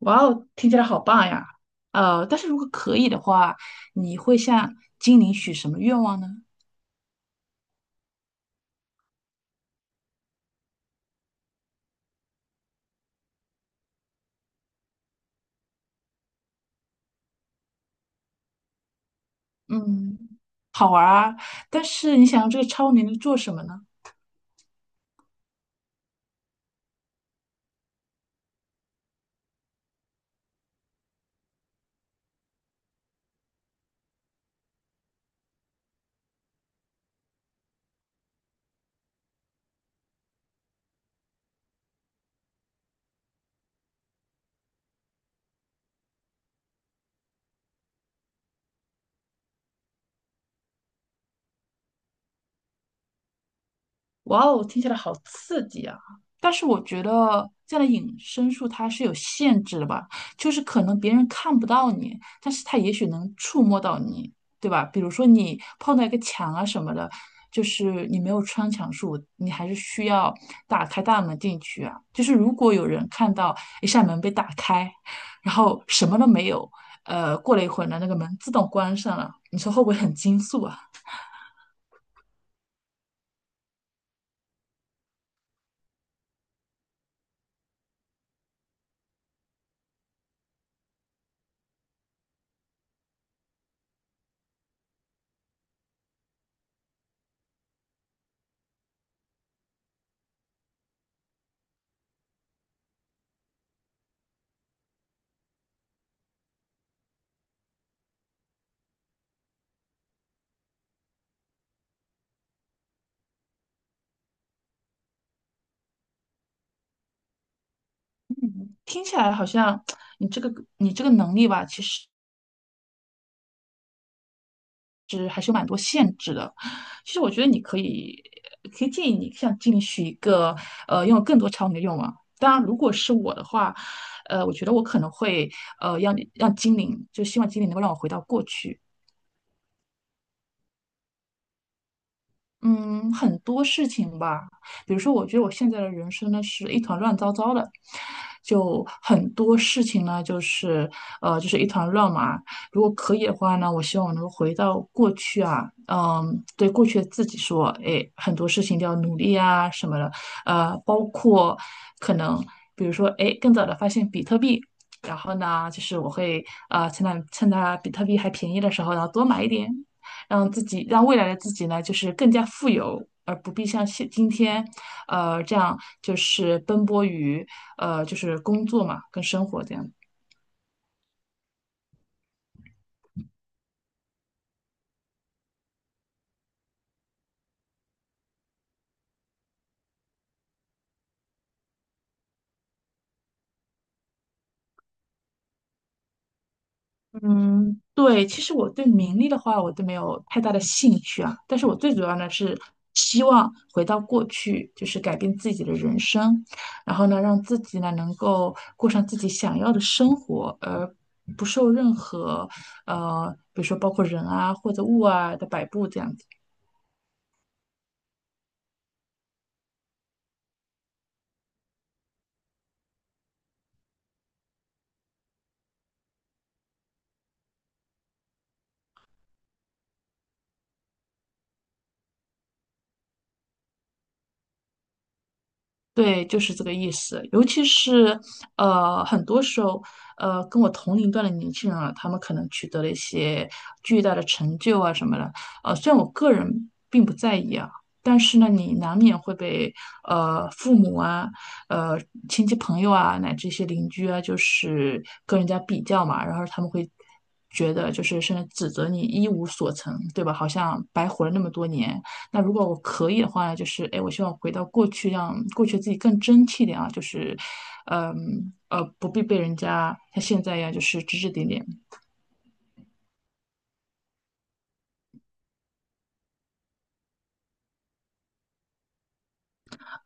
哇哦，听起来好棒呀！但是如果可以的话，你会向精灵许什么愿望呢？嗯，好玩儿啊，但是你想要这个超能力做什么呢？哇哦，听起来好刺激啊！但是我觉得这样的隐身术它是有限制的吧，就是可能别人看不到你，但是他也许能触摸到你，对吧？比如说你碰到一个墙啊什么的，就是你没有穿墙术，你还是需要打开大门进去啊。就是如果有人看到一扇门被打开，然后什么都没有，过了一会儿呢，那个门自动关上了，你说会不会很惊悚啊？听起来好像你这个你这个能力吧，其实我觉得你可以建议你像进许一个拥有更多场景的愿望。当然，如果是我的话，我觉得我可能会让你让精灵，就希望精灵能够让我回到过去。嗯，很多事情吧，比如说，我觉得我现在的人生呢是一团乱糟糟的，就很多事情呢就是一团乱麻。如果可以的话呢，我希望我能够回到过去啊，嗯，对过去的自己说，哎，很多事情都要努力啊什么的，包括可能比如说，哎，更早的发现比特币。然后呢，就是我会趁它比特币还便宜的时候，然后多买一点，让自己让未来的自己呢，就是更加富有，而不必像现今天，这样就是奔波于就是工作嘛跟生活这样。嗯，对，其实我对名利的话，我都没有太大的兴趣啊。但是我最主要呢是希望回到过去，就是改变自己的人生，然后呢，让自己呢能够过上自己想要的生活，而不受任何比如说包括人啊或者物啊的摆布这样子。对，就是这个意思。尤其是很多时候，跟我同龄段的年轻人啊，他们可能取得了一些巨大的成就啊什么的。虽然我个人并不在意啊，但是呢，你难免会被父母啊、呃亲戚朋友啊，乃至一些邻居啊，就是跟人家比较嘛，然后他们会觉得就是甚至指责你一无所成，对吧？好像白活了那么多年。那如果我可以的话呢，就是哎，我希望回到过去，让过去自己更争气一点啊，就是，不必被人家像现在一样就是指指点点。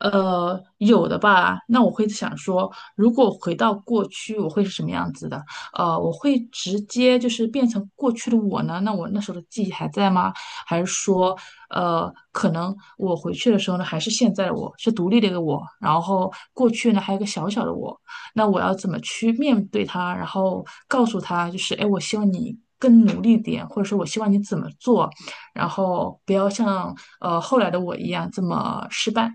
有的吧。那我会想说，如果回到过去，我会是什么样子的？我会直接就是变成过去的我呢？那我那时候的记忆还在吗？还是说，可能我回去的时候呢，还是现在的我，是独立的一个我。然后过去呢，还有一个小小的我。那我要怎么去面对他？然后告诉他，就是哎，我希望你。更努力点，或者说我希望你怎么做，然后不要像后来的我一样这么失败。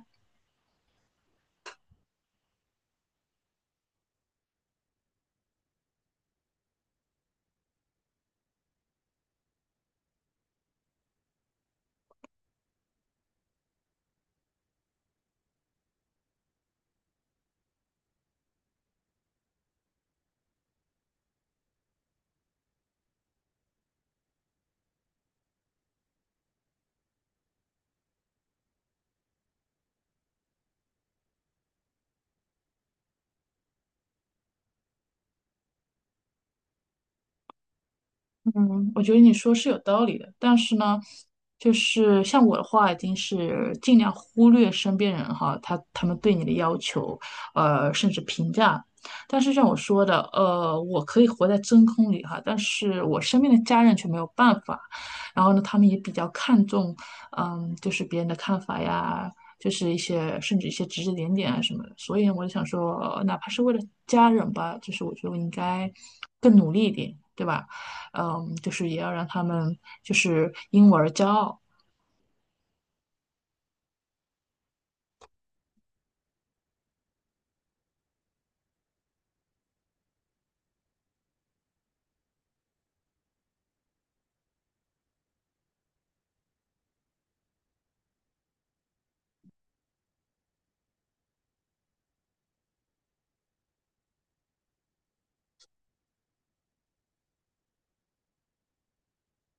嗯，我觉得你说是有道理的，但是呢，就是像我的话，已经是尽量忽略身边人哈，他们对你的要求，甚至评价。但是像我说的，我可以活在真空里哈，但是我身边的家人却没有办法。然后呢，他们也比较看重，嗯，就是别人的看法呀，就是一些甚至一些指指点点啊什么的。所以呢，我就想说，哪怕是为了家人吧，就是我觉得我应该更努力一点，对吧？嗯，就是也要让他们就是因我而骄傲。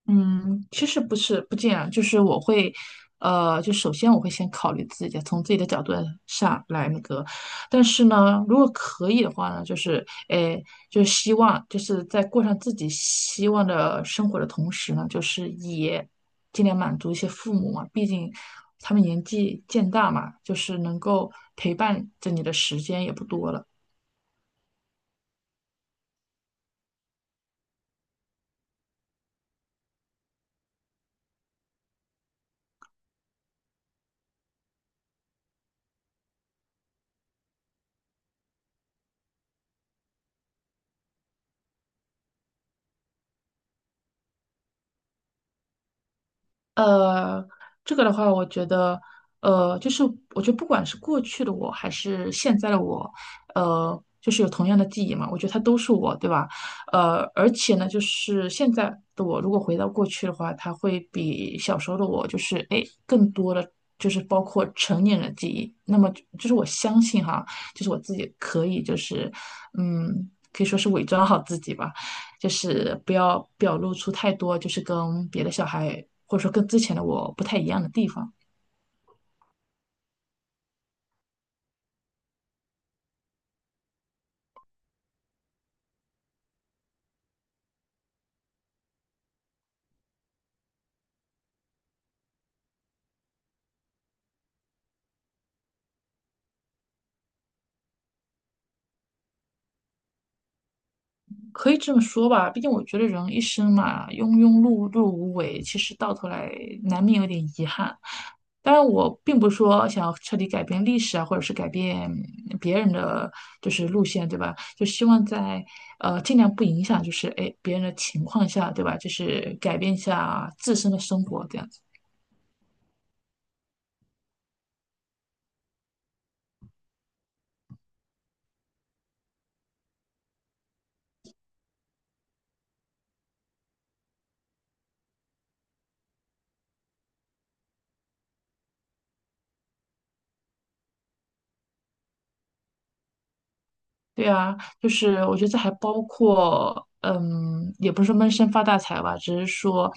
嗯，其实不是不这样，就是我会，就首先我会先考虑自己的从自己的角度上来那个，但是呢，如果可以的话呢，就是诶，就是希望就是在过上自己希望的生活的同时呢，就是也尽量满足一些父母嘛，毕竟他们年纪渐大嘛，就是能够陪伴着你的时间也不多了。呃，这个的话，我觉得，就是我觉得不管是过去的我还是现在的我，就是有同样的记忆嘛，我觉得它都是我，对吧？而且呢，就是现在的我，如果回到过去的话，它会比小时候的我，就是哎，诶更多的就是包括成年人的记忆。那么就是我相信哈。就是我自己可以，就是嗯，可以说是伪装好自己吧，就是不要表露出太多，就是跟别的小孩或者说跟之前的我不太一样的地方。可以这么说吧，毕竟我觉得人一生嘛，庸庸碌碌无为，其实到头来难免有点遗憾。当然，我并不是说想要彻底改变历史啊，或者是改变别人的就是路线，对吧？就希望在尽量不影响，就是哎别人的情况下，对吧？就是改变一下自身的生活，这样。对啊，就是我觉得这还包括，嗯，也不是说闷声发大财吧，只是说，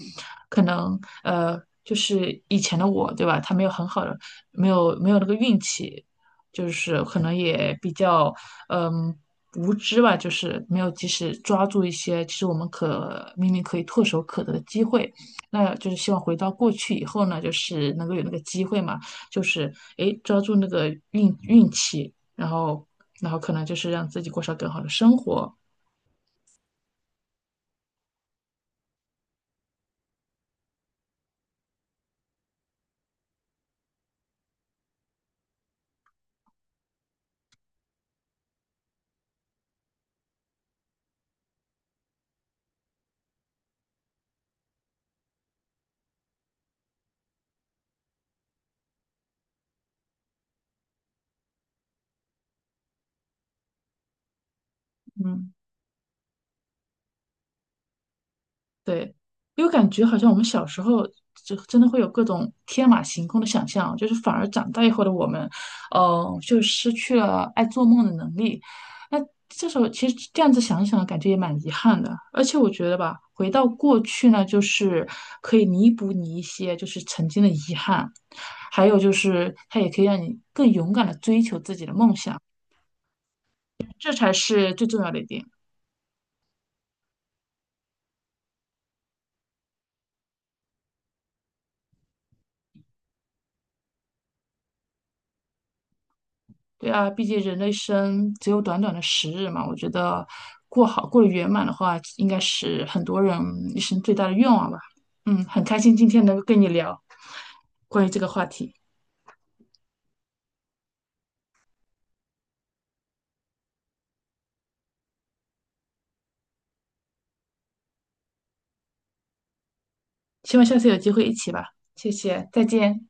可能就是以前的我，对吧？他没有很好的，没有那个运气，就是可能也比较，嗯，无知吧，就是没有及时抓住一些其实我们可明明可以唾手可得的机会。那就是希望回到过去以后呢，就是能够有那个机会嘛，就是诶，抓住那个运气。然后然后可能就是让自己过上更好的生活。嗯，对，因为感觉好像我们小时候就真的会有各种天马行空的想象，就是反而长大以后的我们，就失去了爱做梦的能力。那这时候其实这样子想一想，感觉也蛮遗憾的。而且我觉得吧，回到过去呢，就是可以弥补你一些就是曾经的遗憾，还有就是它也可以让你更勇敢的追求自己的梦想，这才是最重要的一点。对啊，毕竟人的一生只有短短的十日嘛，我觉得过好过得圆满的话，应该是很多人一生最大的愿望吧。嗯，很开心今天能够跟你聊关于这个话题，希望下次有机会一起吧。谢谢，再见。